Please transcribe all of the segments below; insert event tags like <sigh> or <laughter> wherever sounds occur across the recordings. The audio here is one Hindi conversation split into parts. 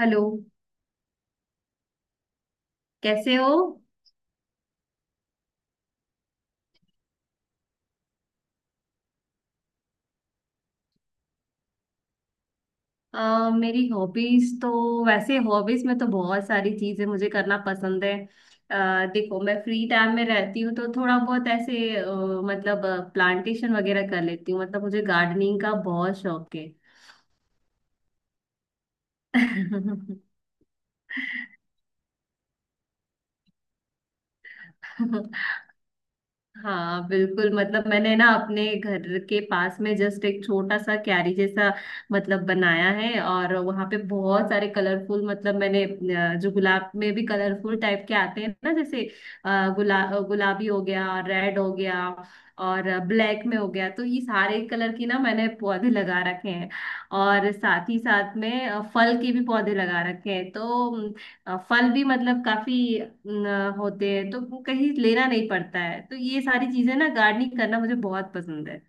हेलो। कैसे हो? अ, मेरी हॉबीज तो वैसे हॉबीज में तो बहुत सारी चीजें मुझे करना पसंद है। देखो, मैं फ्री टाइम में रहती हूँ तो थोड़ा बहुत ऐसे मतलब प्लांटेशन वगैरह कर लेती हूँ। मतलब मुझे गार्डनिंग का बहुत शौक है। <laughs> हाँ बिल्कुल। मतलब मैंने ना अपने घर के पास में जस्ट एक छोटा सा क्यारी जैसा मतलब बनाया है, और वहां पे बहुत सारे कलरफुल, मतलब मैंने जो गुलाब में भी कलरफुल टाइप के आते हैं ना, जैसे गुलाबी हो गया, रेड हो गया और ब्लैक में हो गया, तो ये सारे कलर की ना मैंने पौधे लगा रखे हैं। और साथ ही साथ में फल के भी पौधे लगा रखे हैं, तो फल भी मतलब काफी न, होते हैं, तो वो कहीं लेना नहीं पड़ता है। तो ये सारी चीजें ना गार्डनिंग करना मुझे बहुत पसंद है।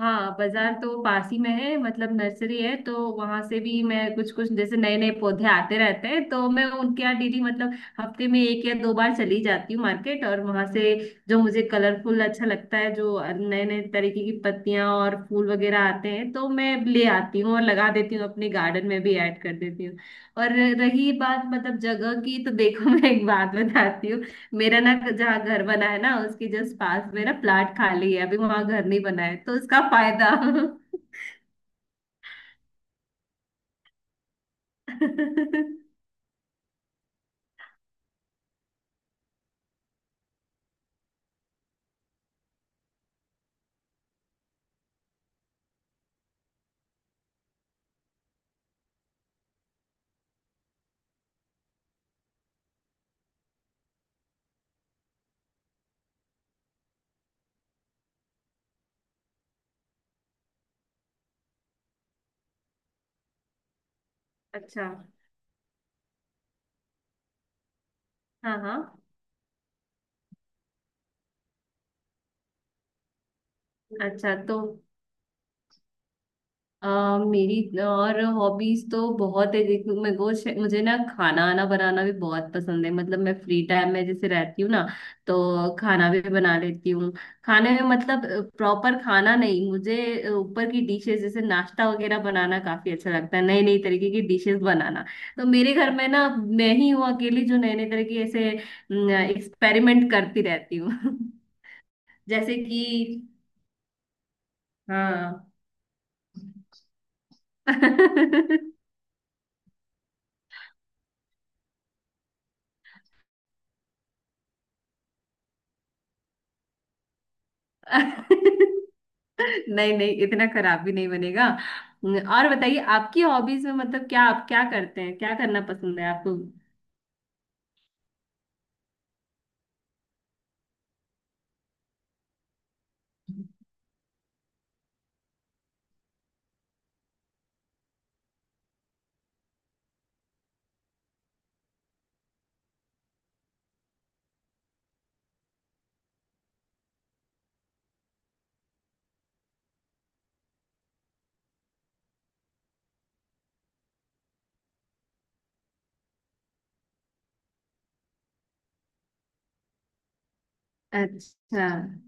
हाँ बाजार तो पास ही में है। मतलब नर्सरी है तो वहां से भी मैं कुछ कुछ, जैसे नए नए पौधे आते रहते हैं तो मैं उनके यहाँ डेली, मतलब हफ्ते में एक या दो बार चली जाती हूँ मार्केट, और वहां से जो मुझे कलरफुल अच्छा लगता है, जो नए नए तरीके की पत्तियां और फूल वगैरह आते हैं तो मैं ले आती हूँ और लगा देती हूँ, अपने गार्डन में भी ऐड कर देती हूँ। और रही बात मतलब जगह की, तो देखो <laughs> मैं एक बात बताती हूँ, मेरा ना जहाँ घर बना है ना उसके जस्ट पास में ना प्लाट खाली है, अभी वहां घर नहीं बना है तो उसका फायदा। <laughs> अच्छा। हाँ हाँ। अच्छा तो मेरी और हॉबीज तो बहुत है। देखो, मेरे को मुझे ना खाना आना बनाना भी बहुत पसंद है। मतलब मैं फ्री टाइम में जैसे रहती हूँ ना, तो खाना भी बना लेती हूँ। खाने में मतलब प्रॉपर खाना नहीं, मुझे ऊपर की डिशेस जैसे नाश्ता वगैरह बनाना काफी अच्छा लगता है, नई नई तरीके की डिशेस बनाना। तो मेरे घर में ना मैं ही हूँ अकेली जो नए नए तरह की ऐसे एक्सपेरिमेंट करती रहती हूँ। <laughs> जैसे कि हाँ। <laughs> नहीं नहीं, इतना खराब भी नहीं बनेगा। और बताइए, आपकी हॉबीज में मतलब क्या, आप क्या करते हैं, क्या करना पसंद है आपको? अच्छा। हम्म।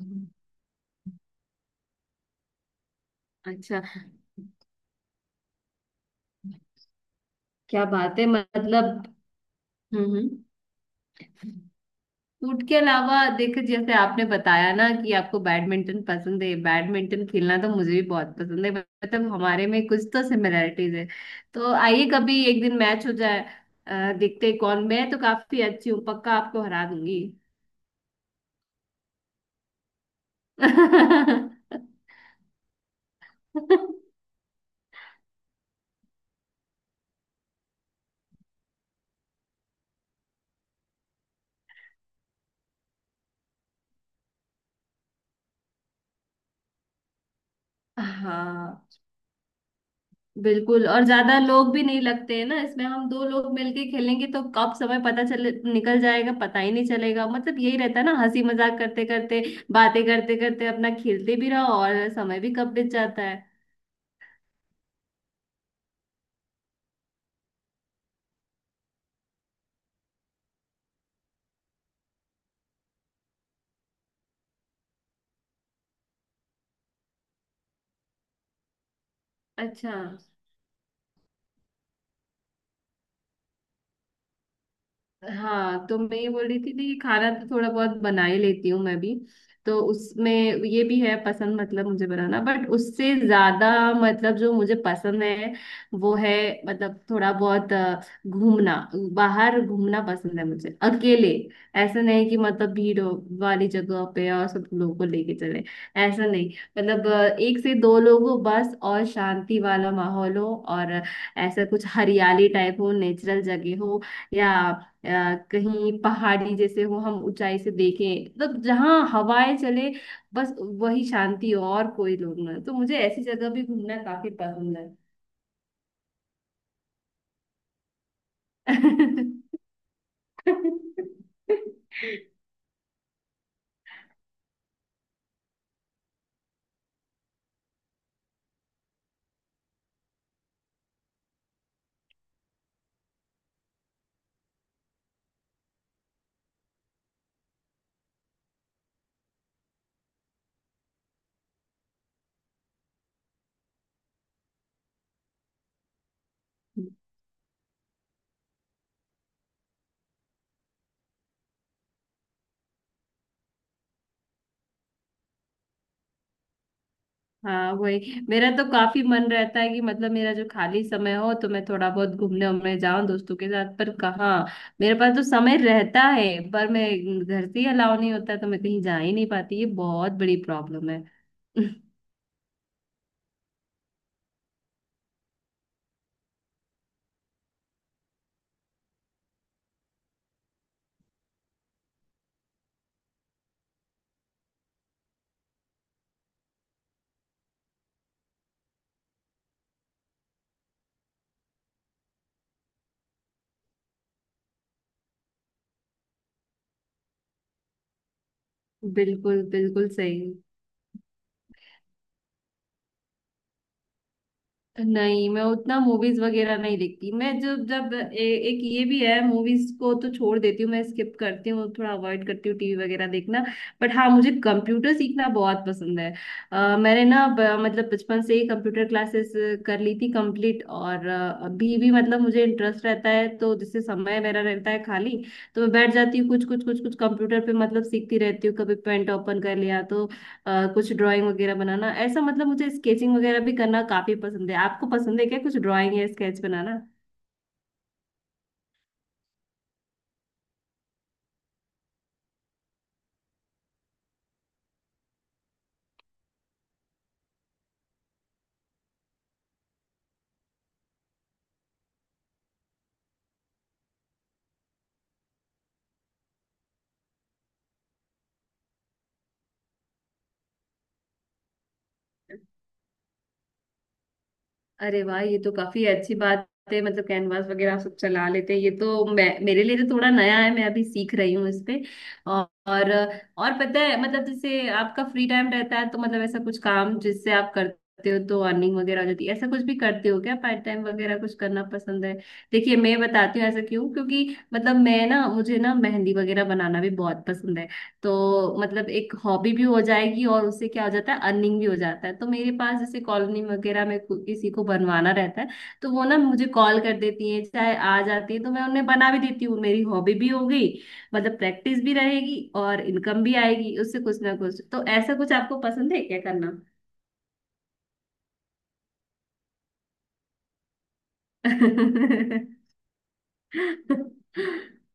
हम्म। अच्छा, क्या बात है मतलब। हम्म। फूड के अलावा देखो, जैसे आपने बताया ना कि आपको बैडमिंटन पसंद है, बैडमिंटन खेलना तो मुझे भी बहुत पसंद है। मतलब हमारे में कुछ तो सिमिलरिटीज है, तो आइए कभी एक दिन मैच हो जाए। देखते हैं कौन। मैं तो काफी अच्छी हूँ पक्का, आपको हरा दूंगी। <laughs> हाँ बिल्कुल। और ज्यादा लोग भी नहीं लगते हैं ना इसमें, हम दो लोग मिलके खेलेंगे तो कब समय पता चले निकल जाएगा, पता ही नहीं चलेगा। मतलब यही रहता है ना, हंसी मजाक करते करते, बातें करते करते अपना खेलते भी रहो और समय भी कब बीत जाता है। अच्छा। हाँ तो मैं ये बोल रही थी कि खाना तो थोड़ा बहुत बना ही लेती हूँ मैं भी, तो उसमें ये भी है पसंद मतलब मुझे बनाना, बट उससे ज्यादा मतलब जो मुझे पसंद है वो है, मतलब थोड़ा बहुत घूमना, बाहर घूमना पसंद है मुझे, अकेले। ऐसा नहीं कि मतलब भीड़ हो वाली जगह पे और सब लोगों को लेके चले, ऐसा नहीं। मतलब एक से दो लोग हो बस, और शांति वाला माहौल हो, और ऐसा कुछ हरियाली टाइप हो, नेचुरल जगह हो, या अ, कहीं पहाड़ी जैसे हो, हम ऊंचाई से देखें, मतलब जहाँ हवाएं चले, बस वही शांति हो, और कोई लोग ना, तो मुझे ऐसी जगह भी घूमना काफी पसंद है। <laughs> हाँ वही, मेरा तो काफी मन रहता है कि मतलब मेरा जो खाली समय हो तो मैं थोड़ा बहुत घूमने उमने जाऊं दोस्तों के साथ, पर कहाँ। मेरे पास तो समय रहता है, पर मैं घर से ही अलाउ नहीं होता, तो मैं कहीं जा ही नहीं पाती। ये बहुत बड़ी प्रॉब्लम है। <laughs> बिल्कुल बिल्कुल सही। नहीं मैं उतना मूवीज वगैरह नहीं देखती। मैं जब जब एक ये भी है, मूवीज को तो छोड़ देती हूँ मैं, स्किप करती हूँ, थोड़ा अवॉइड करती हूँ टीवी वगैरह देखना। बट हाँ, मुझे कंप्यूटर सीखना बहुत पसंद है। मैंने ना मतलब बचपन से ही कंप्यूटर क्लासेस कर ली थी कंप्लीट, और अभी भी मतलब मुझे इंटरेस्ट रहता है, तो जिससे समय मेरा रहता है खाली तो मैं बैठ जाती हूँ कुछ कुछ कुछ कुछ कंप्यूटर पे, मतलब सीखती रहती हूँ। कभी पेंट ओपन कर लिया तो कुछ ड्राइंग वगैरह बनाना, ऐसा मतलब मुझे स्केचिंग वगैरह भी करना काफी पसंद है। आपको पसंद है क्या कुछ ड्राइंग या स्केच बनाना? अरे वाह, ये तो काफी अच्छी बात है। मतलब कैनवास वगैरह आप सब चला लेते हैं, ये तो, मैं मेरे लिए तो थोड़ा नया है, मैं अभी सीख रही हूँ इस पे। और और और पता है मतलब जैसे आपका फ्री टाइम रहता है, तो मतलब ऐसा कुछ काम जिससे आप करते हो तो अर्निंग वगैरह हो जाती है, ऐसा कुछ भी करते हो क्या? पार्ट टाइम वगैरह कुछ करना पसंद है? देखिए मैं बताती हूँ ऐसा क्यों, क्योंकि मतलब मैं ना, मुझे ना मेहंदी वगैरह बनाना भी बहुत पसंद है, तो मतलब एक हॉबी भी हो जाएगी और उससे क्या हो जाता है अर्निंग भी हो जाता है। तो मेरे पास जैसे कॉलोनी वगैरह में किसी को बनवाना रहता है, तो वो ना मुझे कॉल कर देती है चाहे आ जाती है तो मैं उन्हें बना भी देती हूँ, मेरी हॉबी भी हो गई, मतलब प्रैक्टिस भी रहेगी और इनकम भी आएगी उससे कुछ ना कुछ। तो ऐसा कुछ आपको पसंद है क्या करना? <laughs>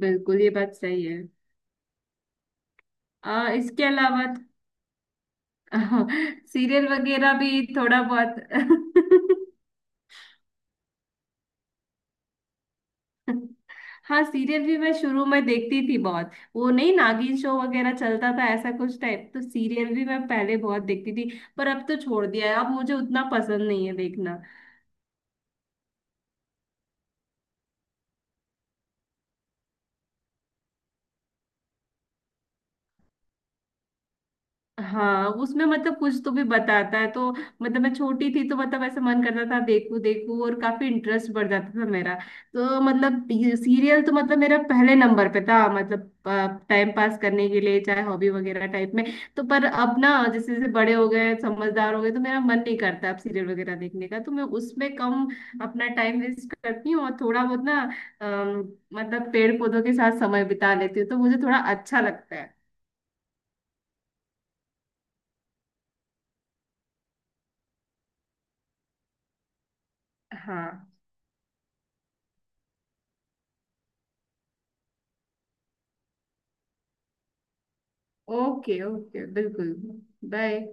बिल्कुल ये बात सही है। इसके अलावा <laughs> सीरियल वगैरह भी थोड़ा बहुत। <laughs> हाँ सीरियल भी मैं शुरू में देखती थी बहुत, वो नहीं नागिन शो वगैरह चलता था ऐसा कुछ टाइप, तो सीरियल भी मैं पहले बहुत देखती थी, पर अब तो छोड़ दिया है, अब मुझे उतना पसंद नहीं है देखना। हाँ उसमें मतलब कुछ तो भी बताता है, तो मतलब मैं छोटी थी तो मतलब ऐसे मन करता था, देखूं देखूं, और काफी इंटरेस्ट बढ़ जाता था मेरा, तो मतलब सीरियल तो मतलब मेरा पहले नंबर पे था, मतलब टाइम पास करने के लिए, चाहे हॉबी वगैरह टाइप में। तो पर अब ना जैसे जैसे बड़े हो गए, समझदार हो गए, तो मेरा मन नहीं करता अब सीरियल वगैरह देखने का, तो मैं उसमें कम अपना टाइम वेस्ट करती हूँ और थोड़ा बहुत ना मतलब पेड़ पौधों के साथ समय बिता लेती हूँ, तो मुझे थोड़ा अच्छा लगता है। हाँ। ओके ओके बिल्कुल। बाय।